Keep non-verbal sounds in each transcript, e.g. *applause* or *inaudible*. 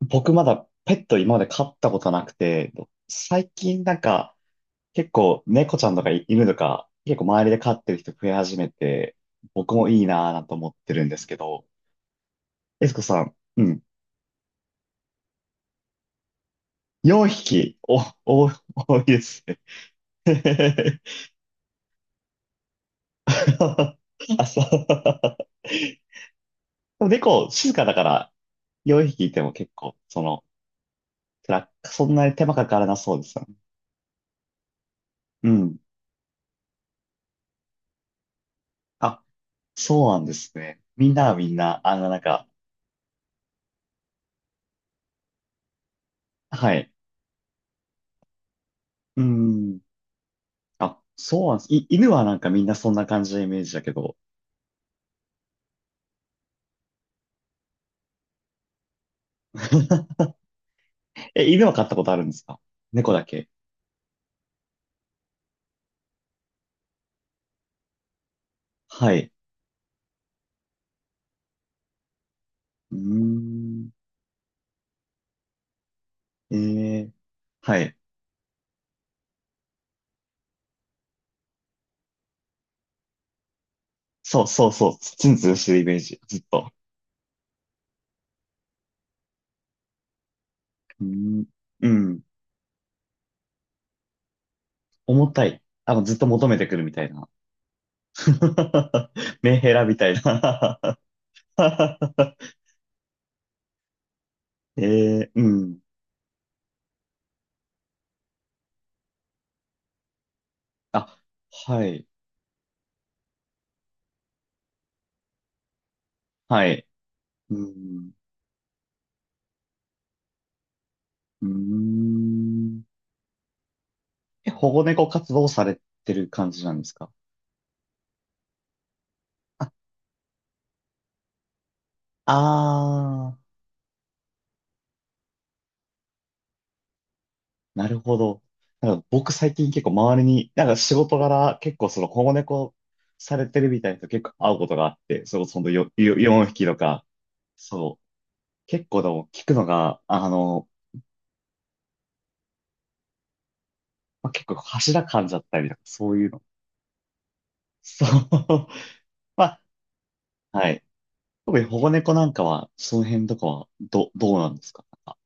僕まだペット今まで飼ったことなくて、最近なんか結構猫ちゃんとか犬とか結構周りで飼ってる人増え始めて、僕もいいなぁなんて思ってるんですけど、エスコさん、うん、4匹、お、多いですね。*laughs* あ、そう。でも猫静かだから4匹いても結構、その、辛くそんなに手間かからなそうですよね。うん。あ、そうなんですね。みんなはみんな、あの、なんか、はい。うん。あ、そうなんです。犬はなんかみんなそんな感じのイメージだけど。*laughs* え、犬は飼ったことあるんですか？猫だけ。はい。うーん。ええ、はい。そうそうそう。ツンツンしてるイメージ。ずっと。うーん。うん。重たい。あの、ずっと求めてくるみたいな。*laughs* メンヘラみたいな。 *laughs* ええ、うん。あ、はい。はい。うん。うーん。え、保護猫活動をされてる感じなんですか？あー、なるほど。なんか僕最近結構周りに、なんか仕事柄結構その保護猫されてるみたいな人結構会うことがあって、それこそほんと4匹とか、そう。結構でも聞くのが、あの、まあ、結構柱噛んじゃったりとか、そういうの。そう。*laughs* まあ、はい。特に保護猫なんかは、その辺とかは、どうなんですか、なんか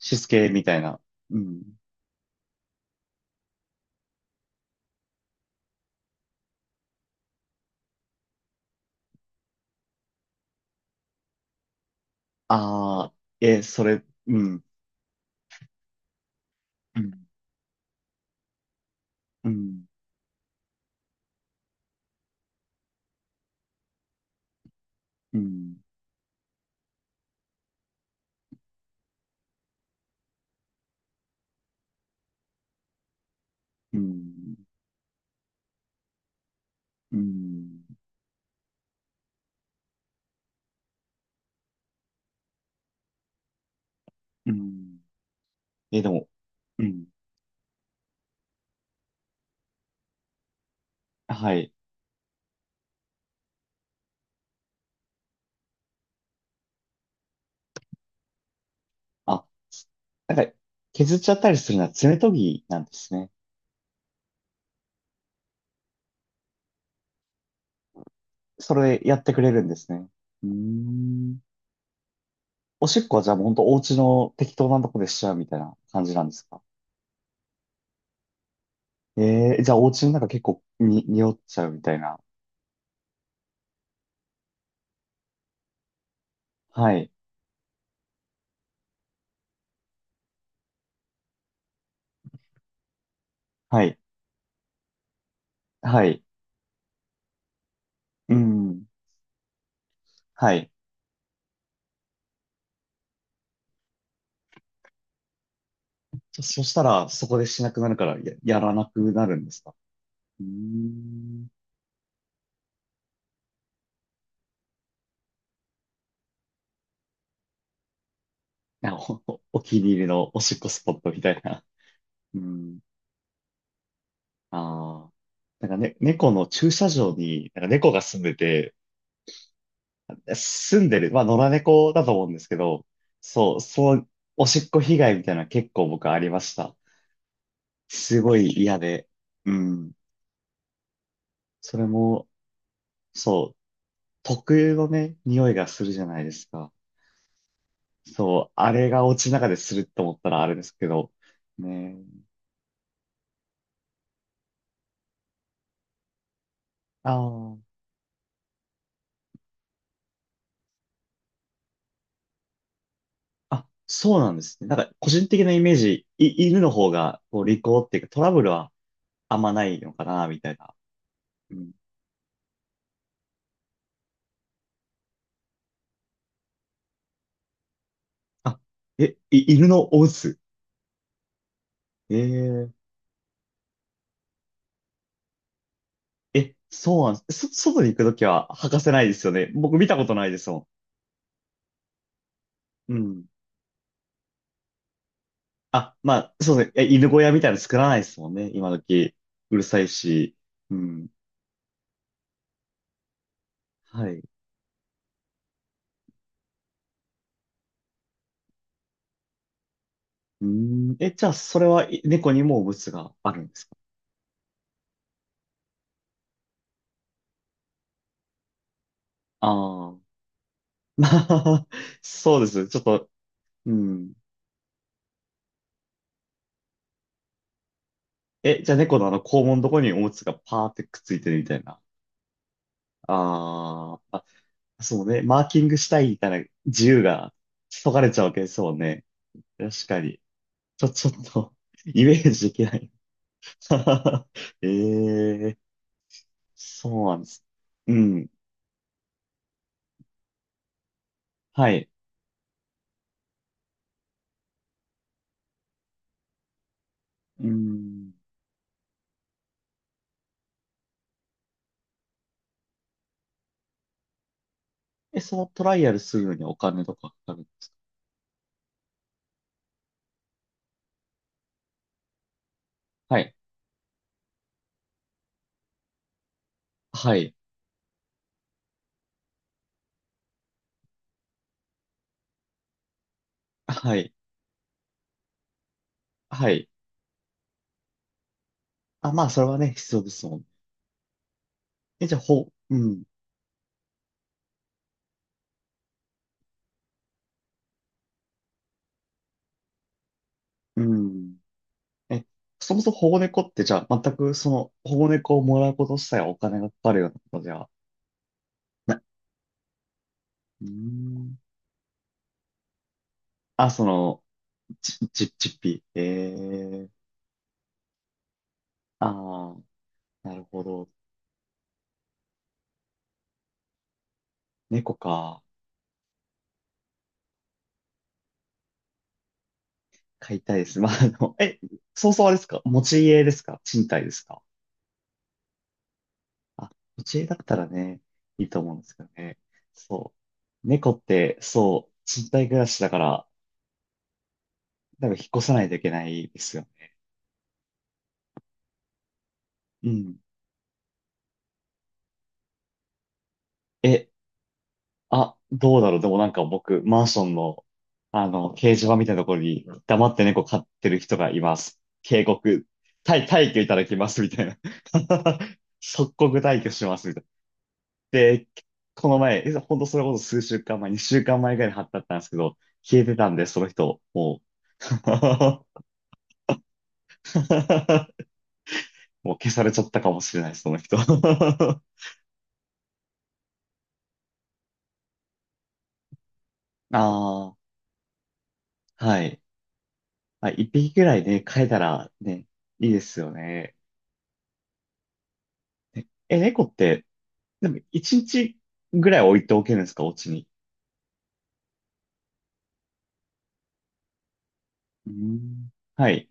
しつけみたいな。うん。ああ、え、それ、うん。うん、うん、うん、うん、うん、うん、え、でも、うん。はい。あ、なんか、削っちゃったりするのは爪研ぎなんですね。それやってくれるんですね。うーん。おしっこはじゃあもうほんとお家の適当なとこでしちゃうみたいな感じなんですか？えー、じゃあお家の中結構に、匂っちゃうみたいな。はい。はい。はい。うん。はい。そしたらそこでしなくなるから、やらなくなるんですか？うーん。*laughs* なんかお気に入りのおしっこスポットみたいな。うん。ああ。なんかね、猫の駐車場に、なんか猫が住んでて、住んでる、まあ野良猫だと思うんですけど、そう、そう、おしっこ被害みたいなの結構僕ありました。すごい嫌で。うん。それも、そう、特有のね、匂いがするじゃないですか。そう、あれがお家の中ですると思ったらあれですけど、ね。ああ。あ、そうなんですね。なんか、個人的なイメージ、犬の方が、こう、利口っていうか、トラブルはあんまないのかな、みたいな。うん。あ、え、犬のお鬱。ええ、え、そうなんです。そ、外に行くときは履かせないですよね。僕見たことないですもん。うん。あ、まあ、そうですね。え、犬小屋みたいなの作らないですもんね、今時。うるさいし。うん。はい。うん。え、じゃあ、それは、猫にもおむつがあるんですか？ああー。*laughs* まあ、*laughs* そうです。ちょっと、うん。え、じゃあ猫のあの肛門のとこにおむつがパーってくっついてるみたいな。あーあ、そうね。マーキングしたいみたいな自由がそがれちゃうわけですもんね。確かに。ちょっと *laughs* イメージできない。 *laughs* ええ、そうなんです。うん。はい。うん。え、そのトライアルするのにお金とかかかる。はい。はい。はい。はい。あ、まあ、それはね、必要ですもん。え、じゃあ、ほ、うん。うん。え、そもそも保護猫ってじゃあ全くその保護猫をもらうこと自体はお金がかかるようなことじゃな、うーん。あ、その、ちっぴ。ええ、ああー、なるほど。猫か。飼いたいです。まあ、あの、え、そうそうあれですか？持ち家ですか、賃貸ですか？あ、持ち家だったらね、いいと思うんですけどね。そう。猫って、そう、賃貸暮らしだから、多分引っ越さないといけないですよね。うん。え、あ、どうだろう。でもなんか僕、マンションの、あの、掲示板みたいなところに黙って猫飼ってる人がいます。警告、退去いただきますみたいな。*laughs* 即刻退去しますみたいな。で、この前、えほんとそれこそ数週間前、2週間前ぐらいに貼ってあったんですけど、消えてたんで、その人、う、*laughs* もう消されちゃったかもしれない、その人。*laughs* ああ、はい。まあ、一匹ぐらいね、飼えたらね、いいですよね。え、猫って、でも、一日ぐらい置いておけるんですか、お家に？うん。はい。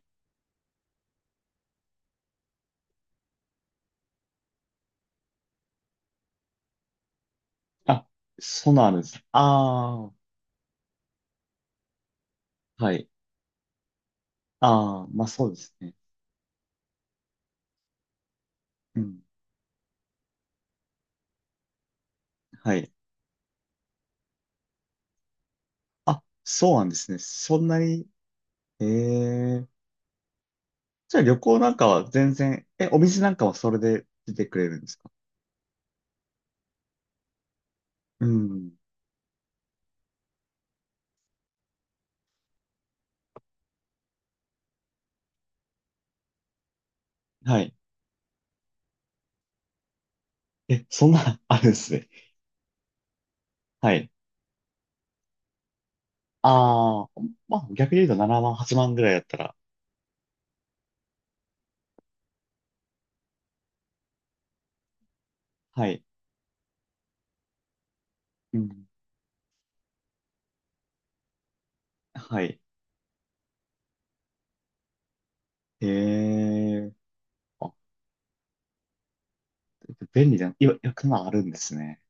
あ、そうなんです。ああ、はい。ああ、まあそうですね。うん。はい。あ、そうなんですね。そんなに、ええ、じゃあ旅行なんかは全然、え、お店なんかはそれで出てくれるんですか？うん。はい。え、そんな、*laughs* あるんですね。はい。ああ、まあ逆に言うと7万、8万ぐらいだったら、はい。うん。はい。ええ、あ便利じゃん。いわくまあるんですね。